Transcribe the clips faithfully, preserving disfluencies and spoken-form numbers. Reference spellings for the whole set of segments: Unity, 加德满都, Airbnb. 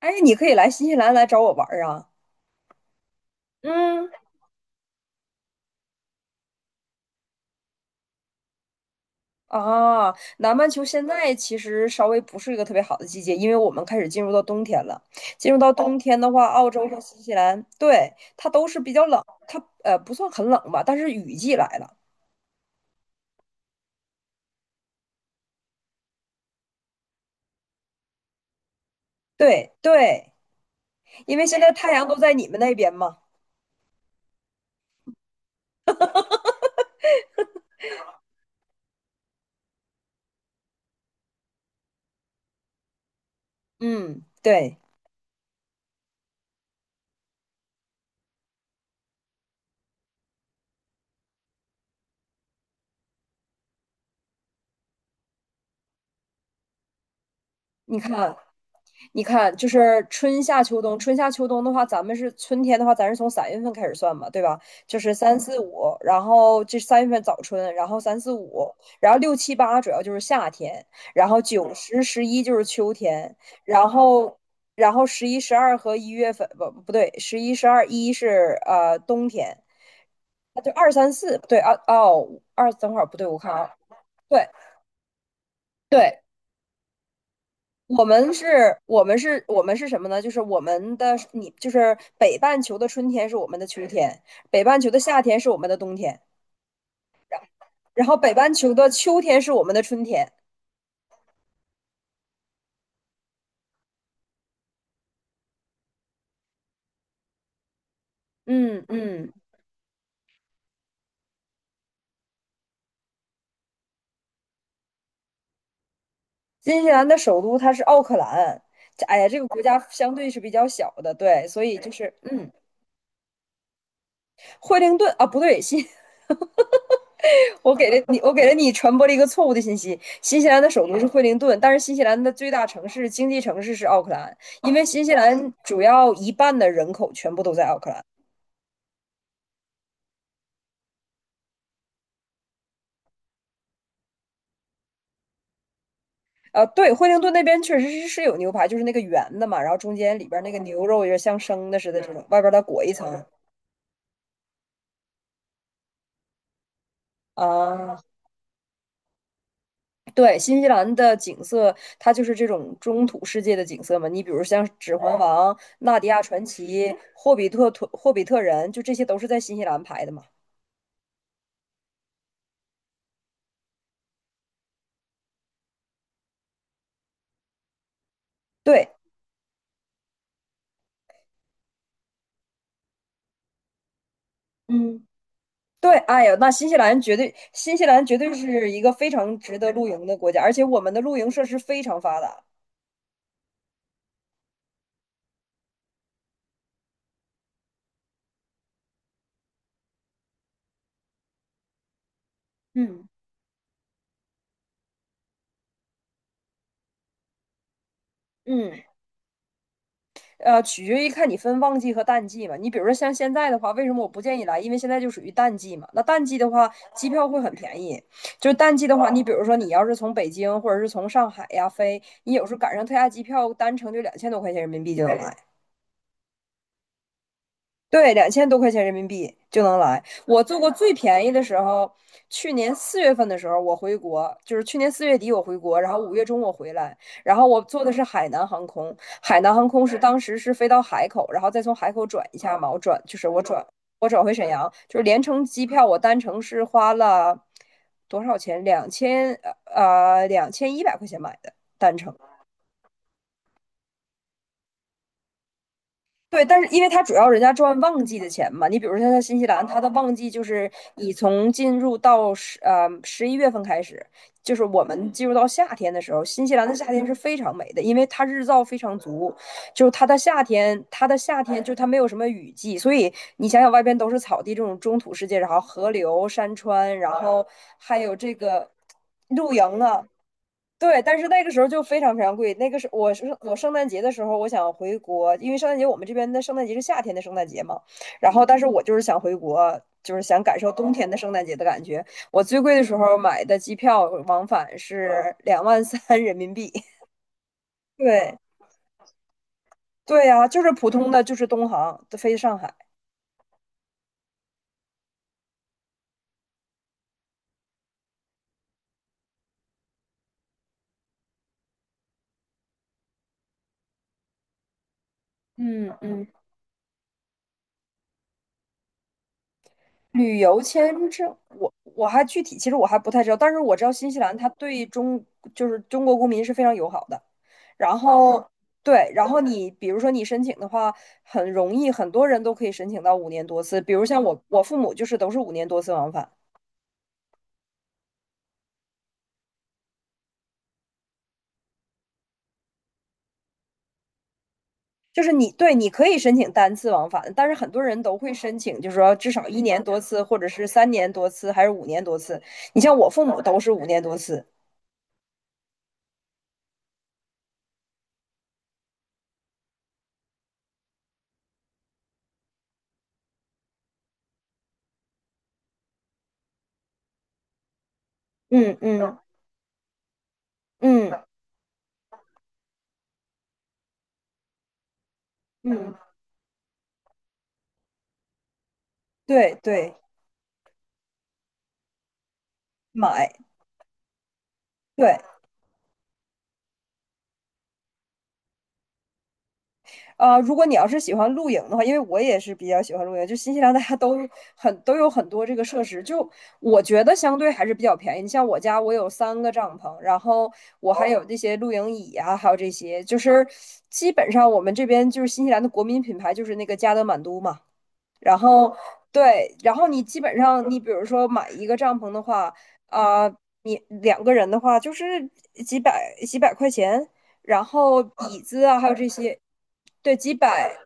哎，你可以来新西兰来找我玩儿啊！嗯。啊，南半球现在其实稍微不是一个特别好的季节，因为我们开始进入到冬天了。进入到哦冬天的话，澳洲和新西兰，对，它都是比较冷，它呃不算很冷吧，但是雨季来了。对对。因为现在太阳都在你们那边嘛。嗯，对。你看，你看，就是春夏秋冬，春夏秋冬的话，咱们是春天的话，咱是从三月份开始算嘛，对吧？就是三四五，然后这三月份早春，然后三四五，然后六七八主要就是夏天，然后九十十一就是秋天，然后然后十一十二和一月份不不对，十一十二一是呃冬天。那就二三四，对，二，哦二等会儿不对，我看啊。对对，我们是，我们是，我们是什么呢？就是我们的，你就是北半球的春天是我们的秋天，北半球的夏天是我们的冬天，然后北半球的秋天是我们的春天。嗯嗯。新西兰的首都它是奥克兰，这哎呀，这个国家相对是比较小的，对，所以就是嗯惠灵顿啊，不对。新我给了你，我给了你传播了一个错误的信息。新西兰的首都是惠灵顿，但是新西兰的最大城市、经济城市是奥克兰，因为新西兰主要一半的人口全部都在奥克兰。呃，对，惠灵顿那边确实是是有牛排，就是那个圆的嘛，然后中间里边那个牛肉也点像生的似的这种，外边再裹一层。啊，对，新西兰的景色，它就是这种中土世界的景色嘛。你比如像《指环王》《纳迪亚传奇》《霍比特》《霍比特人》，就这些都是在新西兰拍的嘛。对。嗯。对，哎呀，那新西兰绝对，新西兰绝对是一个非常值得露营的国家，而且我们的露营设施非常发达。嗯嗯。呃，取决于看你分旺季和淡季嘛。你比如说像现在的话，为什么我不建议来？因为现在就属于淡季嘛。那淡季的话，机票会很便宜。就是淡季的话，你比如说你要是从北京或者是从上海呀飞，你有时候赶上特价机票，单程就两千多块钱人民币就能来。对，两千多块钱人民币就能来。我做过最便宜的时候，去年四月份的时候我回国，就是去年四月底我回国，然后五月中我回来，然后我坐的是海南航空。海南航空是当时是飞到海口，然后再从海口转一下嘛。我转就是我转我转回沈阳，就是连程机票我单程是花了多少钱？两千呃呃两千一百块钱买的单程。对，但是因为它主要人家赚旺季的钱嘛，你比如说像新西兰，它的旺季就是你从进入到十呃十一月份开始，就是我们进入到夏天的时候，新西兰的夏天是非常美的，因为它日照非常足，就是它的夏天，它的夏天就它没有什么雨季，所以你想想外边都是草地这种中土世界，然后河流、山川，然后还有这个露营啊。对，但是那个时候就非常非常贵。那个是我是我圣诞节的时候，我想回国，因为圣诞节我们这边的圣诞节是夏天的圣诞节嘛。然后，但是我就是想回国，就是想感受冬天的圣诞节的感觉。我最贵的时候买的机票往返是两万三人民币。对，对呀、就是普通的，就是东航飞上海。嗯嗯。旅游签证，我我还具体其实我还不太知道，但是我知道新西兰它对中就是中国公民是非常友好的。然后对，然后你比如说你申请的话很容易，很多人都可以申请到五年多次，比如像我我父母就是都是五年多次往返。就是你，对，你可以申请单次往返，但是很多人都会申请，就是说至少一年多次，或者是三年多次，还是五年多次。你像我父母都是五年多次。嗯嗯嗯嗯。对对，买。对，呃，如果你要是喜欢露营的话，因为我也是比较喜欢露营，就新西兰大家都很都有很多这个设施，就我觉得相对还是比较便宜。你像我家，我有三个帐篷，然后我还有这些露营椅啊，还有这些，就是基本上我们这边就是新西兰的国民品牌就是那个加德满都嘛。然后对，然后你基本上，你比如说买一个帐篷的话，啊、你两个人的话就是几百几百块钱，然后椅子啊，还有这些，对，几百，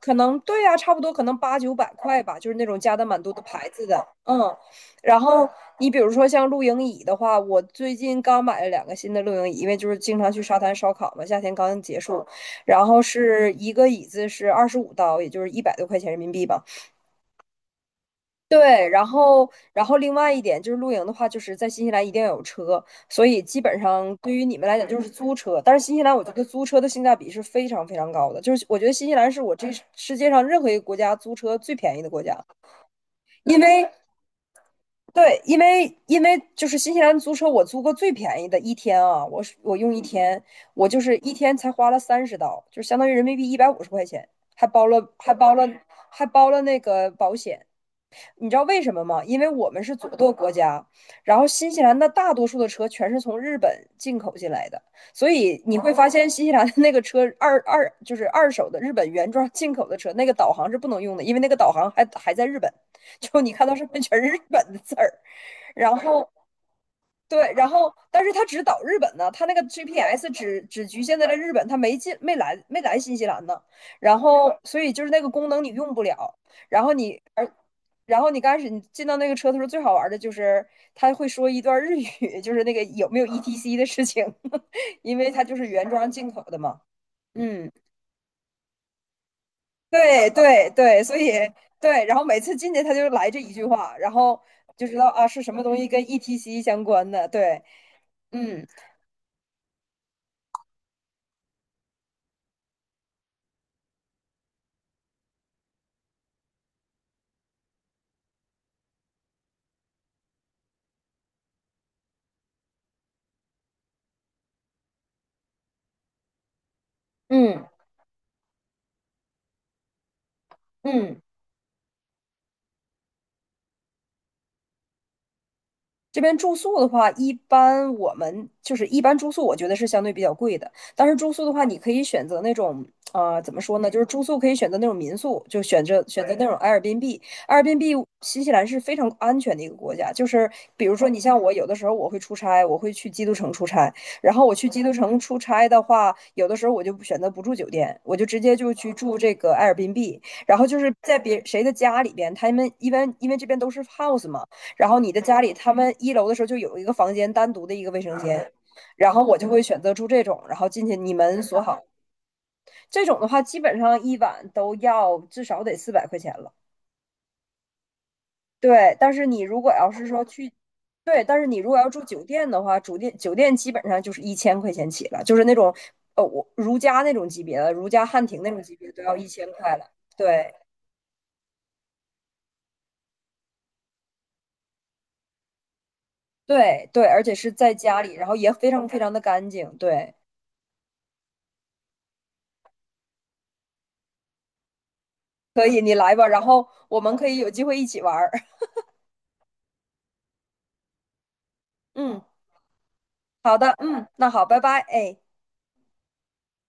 可能，对呀、差不多可能八九百块吧，就是那种加的蛮多的牌子的，嗯。然后你比如说像露营椅的话，我最近刚买了两个新的露营椅，因为就是经常去沙滩烧烤嘛，夏天刚结束，然后是一个椅子是二十五刀，也就是一百多块钱人民币吧。对，然后，然后另外一点就是露营的话，就是在新西兰一定要有车，所以基本上对于你们来讲就是租车。但是新西兰，我觉得租车的性价比是非常非常高的，就是我觉得新西兰是我这世界上任何一个国家租车最便宜的国家，因为对，因为因为就是新西兰租车，我租过最便宜的一天啊，我是我用一天，我就是一天才花了三十刀，就相当于人民币一百五十块钱，还包了还包了还包了那个保险。你知道为什么吗？因为我们是左舵国家，然后新西兰的大多数的车全是从日本进口进来的，所以你会发现新西兰的那个车二二就是二手的日本原装进口的车，那个导航是不能用的，因为那个导航还还在日本，就你看到上面全是日本的字儿。然后对，然后但是他只导日本呢，他那个 G P S 只只局限在了日本，他没进没来没来新西兰呢。然后所以就是那个功能你用不了，然后你而然后你刚开始你进到那个车的时候，最好玩的就是他会说一段日语，就是那个有没有 E T C 的事情，因为它就是原装进口的嘛。嗯，对对对，所以对，然后每次进去他就来这一句话，然后就知道啊是什么东西跟 E T C 相关的。对。嗯嗯嗯。这边住宿的话，一般我们就是一般住宿，我觉得是相对比较贵的。但是住宿的话，你可以选择那种，呃，怎么说呢？就是住宿可以选择那种民宿，就选择选择那种 a 尔 r b n 尔 a i b， 新西兰是非常安全的一个国家，就是比如说你像我，有的时候我会出差，我会去基督城出差。然后我去基督城出差的话，有的时候我就不选择不住酒店，我就直接就去住这个 a 尔 r b b， 然后就是在别谁的家里边，他们一般因为这边都是 house 嘛。然后你的家里他们一楼的时候就有一个房间单独的一个卫生间，然后我就会选择住这种，然后进去你们锁好。这种的话，基本上一晚都要至少得四百块钱了。对，但是你如果要是说去，对，但是你如果要住酒店的话，酒店酒店基本上就是一千块钱起了，就是那种呃我如家那种级别的，如家汉庭那种级别都要一千块了。对对对，而且是在家里，然后也非常非常的干净。对。可以，你来吧，然后我们可以有机会一起玩儿。嗯，好的，嗯，那好，拜拜，哎。